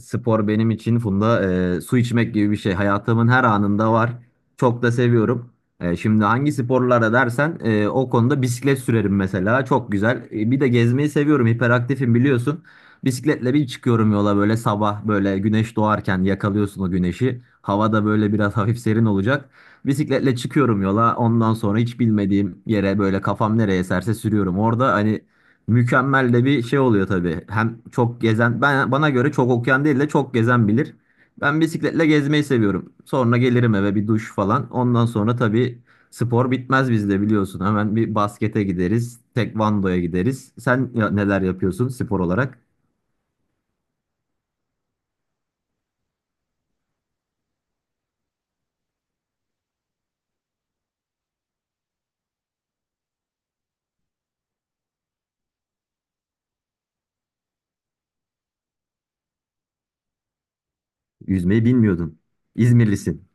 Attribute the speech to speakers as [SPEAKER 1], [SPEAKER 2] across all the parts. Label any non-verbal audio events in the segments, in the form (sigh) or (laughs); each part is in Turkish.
[SPEAKER 1] Spor benim için Funda su içmek gibi bir şey. Hayatımın her anında var. Çok da seviyorum. Şimdi hangi sporlara dersen o konuda bisiklet sürerim mesela. Çok güzel. Bir de gezmeyi seviyorum. Hiperaktifim biliyorsun. Bisikletle bir çıkıyorum yola böyle sabah böyle güneş doğarken yakalıyorsun o güneşi. Hava da böyle biraz (laughs) hafif serin olacak. Bisikletle çıkıyorum yola. Ondan sonra hiç bilmediğim yere böyle kafam nereye eserse sürüyorum. Orada hani mükemmel de bir şey oluyor tabii. Hem çok gezen, ben bana göre çok okuyan değil de çok gezen bilir. Ben bisikletle gezmeyi seviyorum. Sonra gelirim eve bir duş falan. Ondan sonra tabii spor bitmez bizde biliyorsun. Hemen bir baskete gideriz, tekvandoya gideriz. Sen neler yapıyorsun spor olarak? Yüzmeyi bilmiyordun. İzmirlisin.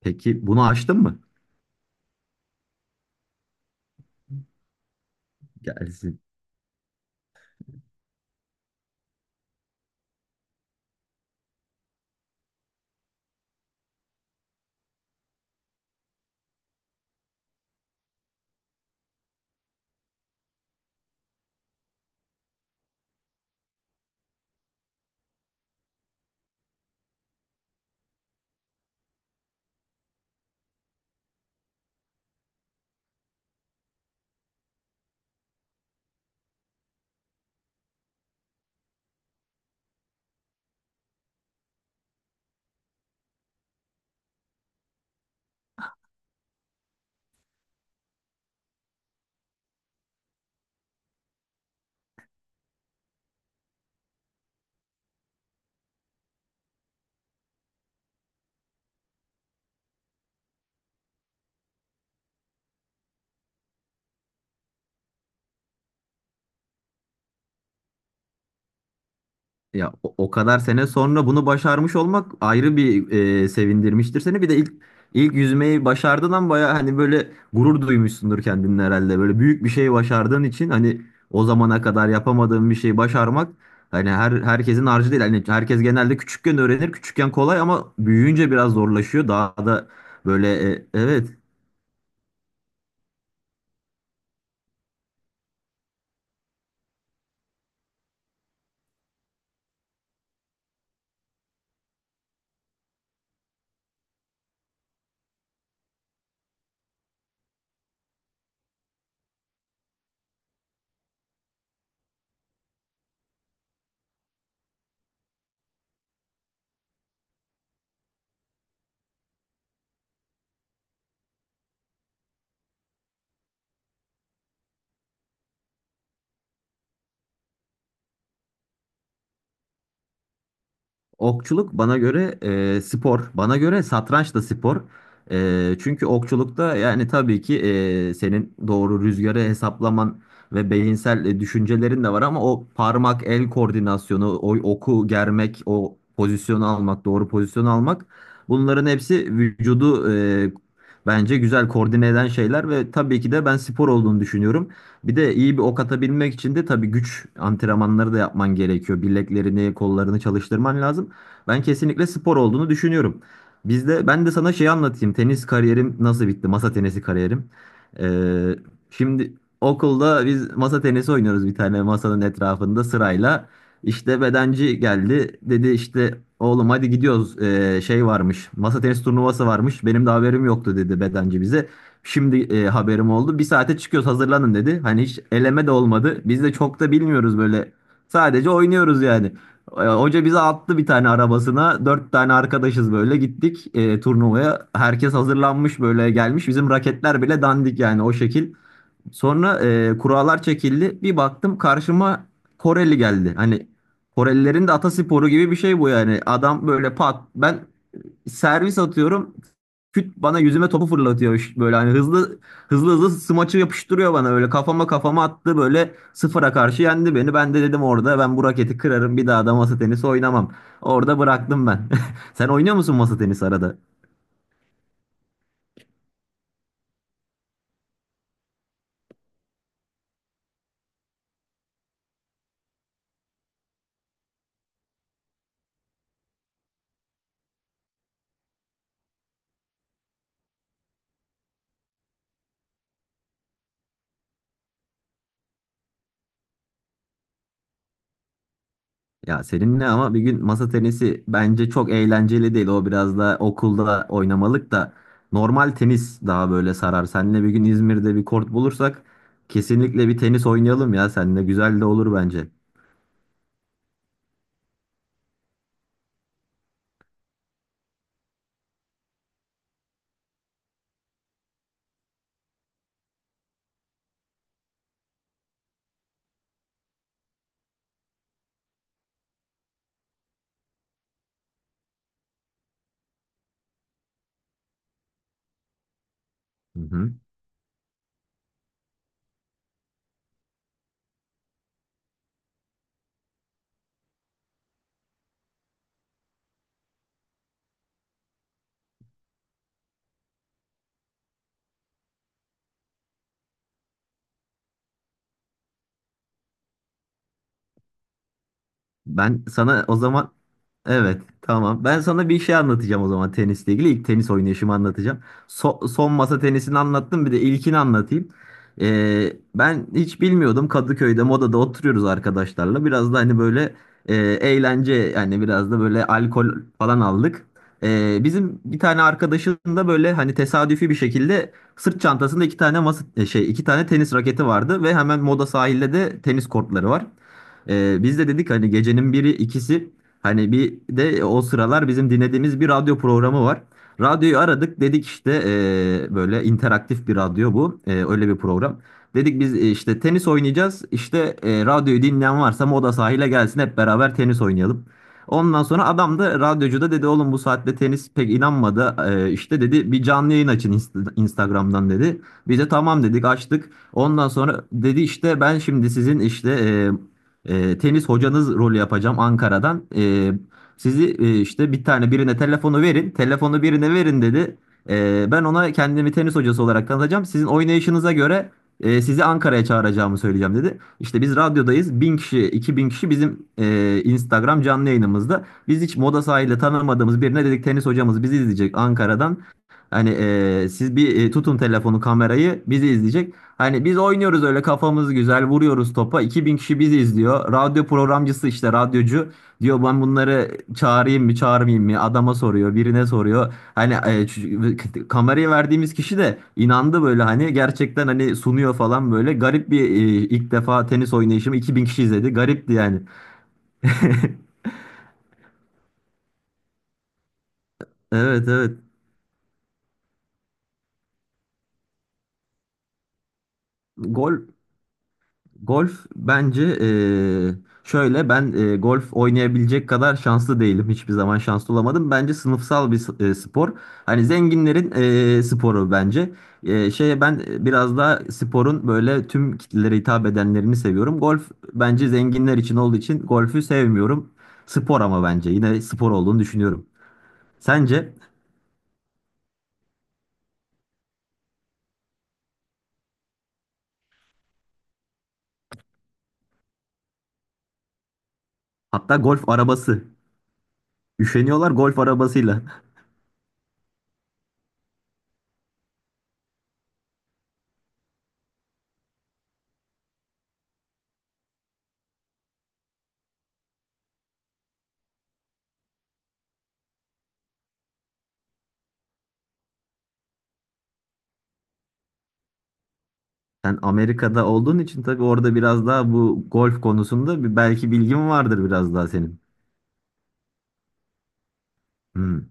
[SPEAKER 1] Peki bunu aştın mı? Gelsin. Ya o kadar sene sonra bunu başarmış olmak ayrı bir sevindirmiştir seni. Bir de ilk yüzmeyi başardığından baya hani böyle gurur duymuşsundur kendinle herhalde. Böyle büyük bir şey başardığın için hani o zamana kadar yapamadığın bir şeyi başarmak hani herkesin harcı değil. Hani herkes genelde küçükken öğrenir. Küçükken kolay ama büyüyünce biraz zorlaşıyor. Daha da böyle evet. Okçuluk bana göre spor. Bana göre satranç da spor. Çünkü okçulukta yani tabii ki senin doğru rüzgarı hesaplaman ve beyinsel düşüncelerin de var ama o parmak el koordinasyonu, o oku germek, o pozisyonu almak, doğru pozisyonu almak bunların hepsi vücudu bence güzel koordine eden şeyler ve tabii ki de ben spor olduğunu düşünüyorum. Bir de iyi bir ok atabilmek için de tabii güç antrenmanları da yapman gerekiyor. Bileklerini, kollarını çalıştırman lazım. Ben kesinlikle spor olduğunu düşünüyorum. Bizde ben de sana şey anlatayım. Tenis kariyerim nasıl bitti? Masa tenisi kariyerim. Ee, şimdi okulda biz masa tenisi oynuyoruz bir tane masanın etrafında sırayla. İşte bedenci geldi. Dedi işte oğlum hadi gidiyoruz. Şey varmış. Masa tenisi turnuvası varmış. Benim de haberim yoktu dedi bedenci bize. Şimdi haberim oldu. Bir saate çıkıyoruz hazırlanın dedi. Hani hiç eleme de olmadı. Biz de çok da bilmiyoruz böyle. Sadece oynuyoruz yani. Hoca bizi attı bir tane arabasına. Dört tane arkadaşız böyle gittik turnuvaya. Herkes hazırlanmış böyle gelmiş. Bizim raketler bile dandik yani o şekil. Sonra kurallar çekildi. Bir baktım karşıma Koreli geldi. Hani Korelilerin de atasporu gibi bir şey bu yani. Adam böyle pat. Ben servis atıyorum. Küt bana yüzüme topu fırlatıyor böyle hani hızlı hızlı hızlı smaçı yapıştırıyor bana böyle kafama kafama attı böyle sıfıra karşı yendi beni. Ben de dedim orada ben bu raketi kırarım bir daha da masa tenisi oynamam. Orada bıraktım ben. (laughs) Sen oynuyor musun masa tenisi arada? Ya seninle ama bir gün masa tenisi bence çok eğlenceli değil. O biraz da okulda oynamalık da normal tenis daha böyle sarar. Seninle bir gün İzmir'de bir kort bulursak kesinlikle bir tenis oynayalım ya. Seninle güzel de olur bence. Hı hı. Ben sana o zaman evet, tamam. Ben sana bir şey anlatacağım o zaman tenisle ilgili. İlk tenis oynayışımı anlatacağım. Son masa tenisini anlattım bir de ilkini anlatayım. Ben hiç bilmiyordum, Kadıköy'de Moda'da oturuyoruz arkadaşlarla. Biraz da hani böyle eğlence yani biraz da böyle alkol falan aldık. Bizim bir tane arkadaşın da böyle hani tesadüfi bir şekilde sırt çantasında iki tane masa şey iki tane tenis raketi vardı ve hemen Moda sahilde de tenis kortları var. Biz de dedik hani gecenin biri ikisi hani bir de o sıralar bizim dinlediğimiz bir radyo programı var. Radyoyu aradık dedik işte böyle interaktif bir radyo bu. Öyle bir program. Dedik biz işte tenis oynayacağız işte radyoyu dinleyen varsa Moda sahile gelsin hep beraber tenis oynayalım. Ondan sonra adam da radyocu da dedi oğlum bu saatte tenis pek inanmadı. İşte dedi bir canlı yayın açın Instagram'dan dedi. Biz de tamam dedik açtık. Ondan sonra dedi işte ben şimdi sizin işte e, tenis hocanız rolü yapacağım Ankara'dan. Sizi işte bir tane birine telefonu verin. Telefonu birine verin dedi. Ben ona kendimi tenis hocası olarak tanıtacağım. Sizin oynayışınıza göre sizi Ankara'ya çağıracağımı söyleyeceğim dedi. İşte biz radyodayız. 1.000 kişi, 2.000 kişi bizim Instagram canlı yayınımızda. Biz hiç moda sahayla tanımadığımız birine dedik tenis hocamız bizi izleyecek Ankara'dan. Hani siz bir tutun telefonu kamerayı bizi izleyecek. Hani biz oynuyoruz öyle kafamız güzel vuruyoruz topa. 2000 kişi bizi izliyor. Radyo programcısı işte radyocu diyor ben bunları çağırayım mı çağırmayayım mı? Adama soruyor birine soruyor. Hani kamerayı verdiğimiz kişi de inandı böyle hani gerçekten hani sunuyor falan böyle. Garip bir ilk defa tenis oynayışımı 2000 kişi izledi. Garipti yani. (laughs) Evet, evet. Gol Golf bence şöyle ben golf oynayabilecek kadar şanslı değilim. Hiçbir zaman şanslı olamadım. Bence sınıfsal bir spor. Hani zenginlerin sporu bence. Şeye ben biraz daha sporun böyle tüm kitlelere hitap edenlerini seviyorum. Golf bence zenginler için olduğu için golfü sevmiyorum. Spor ama bence yine spor olduğunu düşünüyorum. Sence? Hatta golf arabası. Üşeniyorlar golf arabasıyla. Sen Amerika'da olduğun için tabii orada biraz daha bu golf konusunda bir belki bilgin vardır biraz daha senin. Hmm.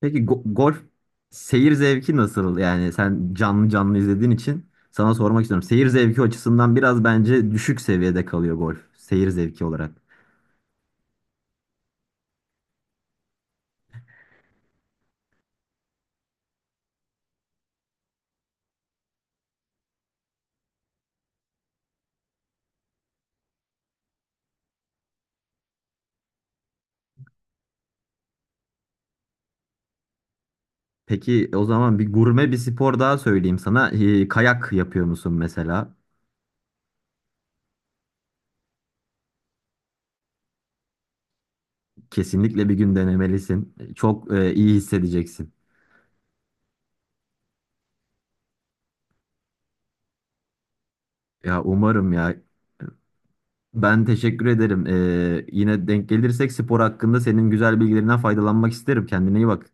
[SPEAKER 1] Peki golf seyir zevki nasıl? Yani sen canlı canlı izlediğin için sana sormak istiyorum. Seyir zevki açısından biraz bence düşük seviyede kalıyor golf seyir zevki olarak. Peki o zaman bir gurme bir spor daha söyleyeyim sana. Kayak yapıyor musun mesela? Kesinlikle bir gün denemelisin. Çok iyi hissedeceksin. Ya umarım ya. Ben teşekkür ederim. Yine denk gelirsek spor hakkında senin güzel bilgilerinden faydalanmak isterim. Kendine iyi bak.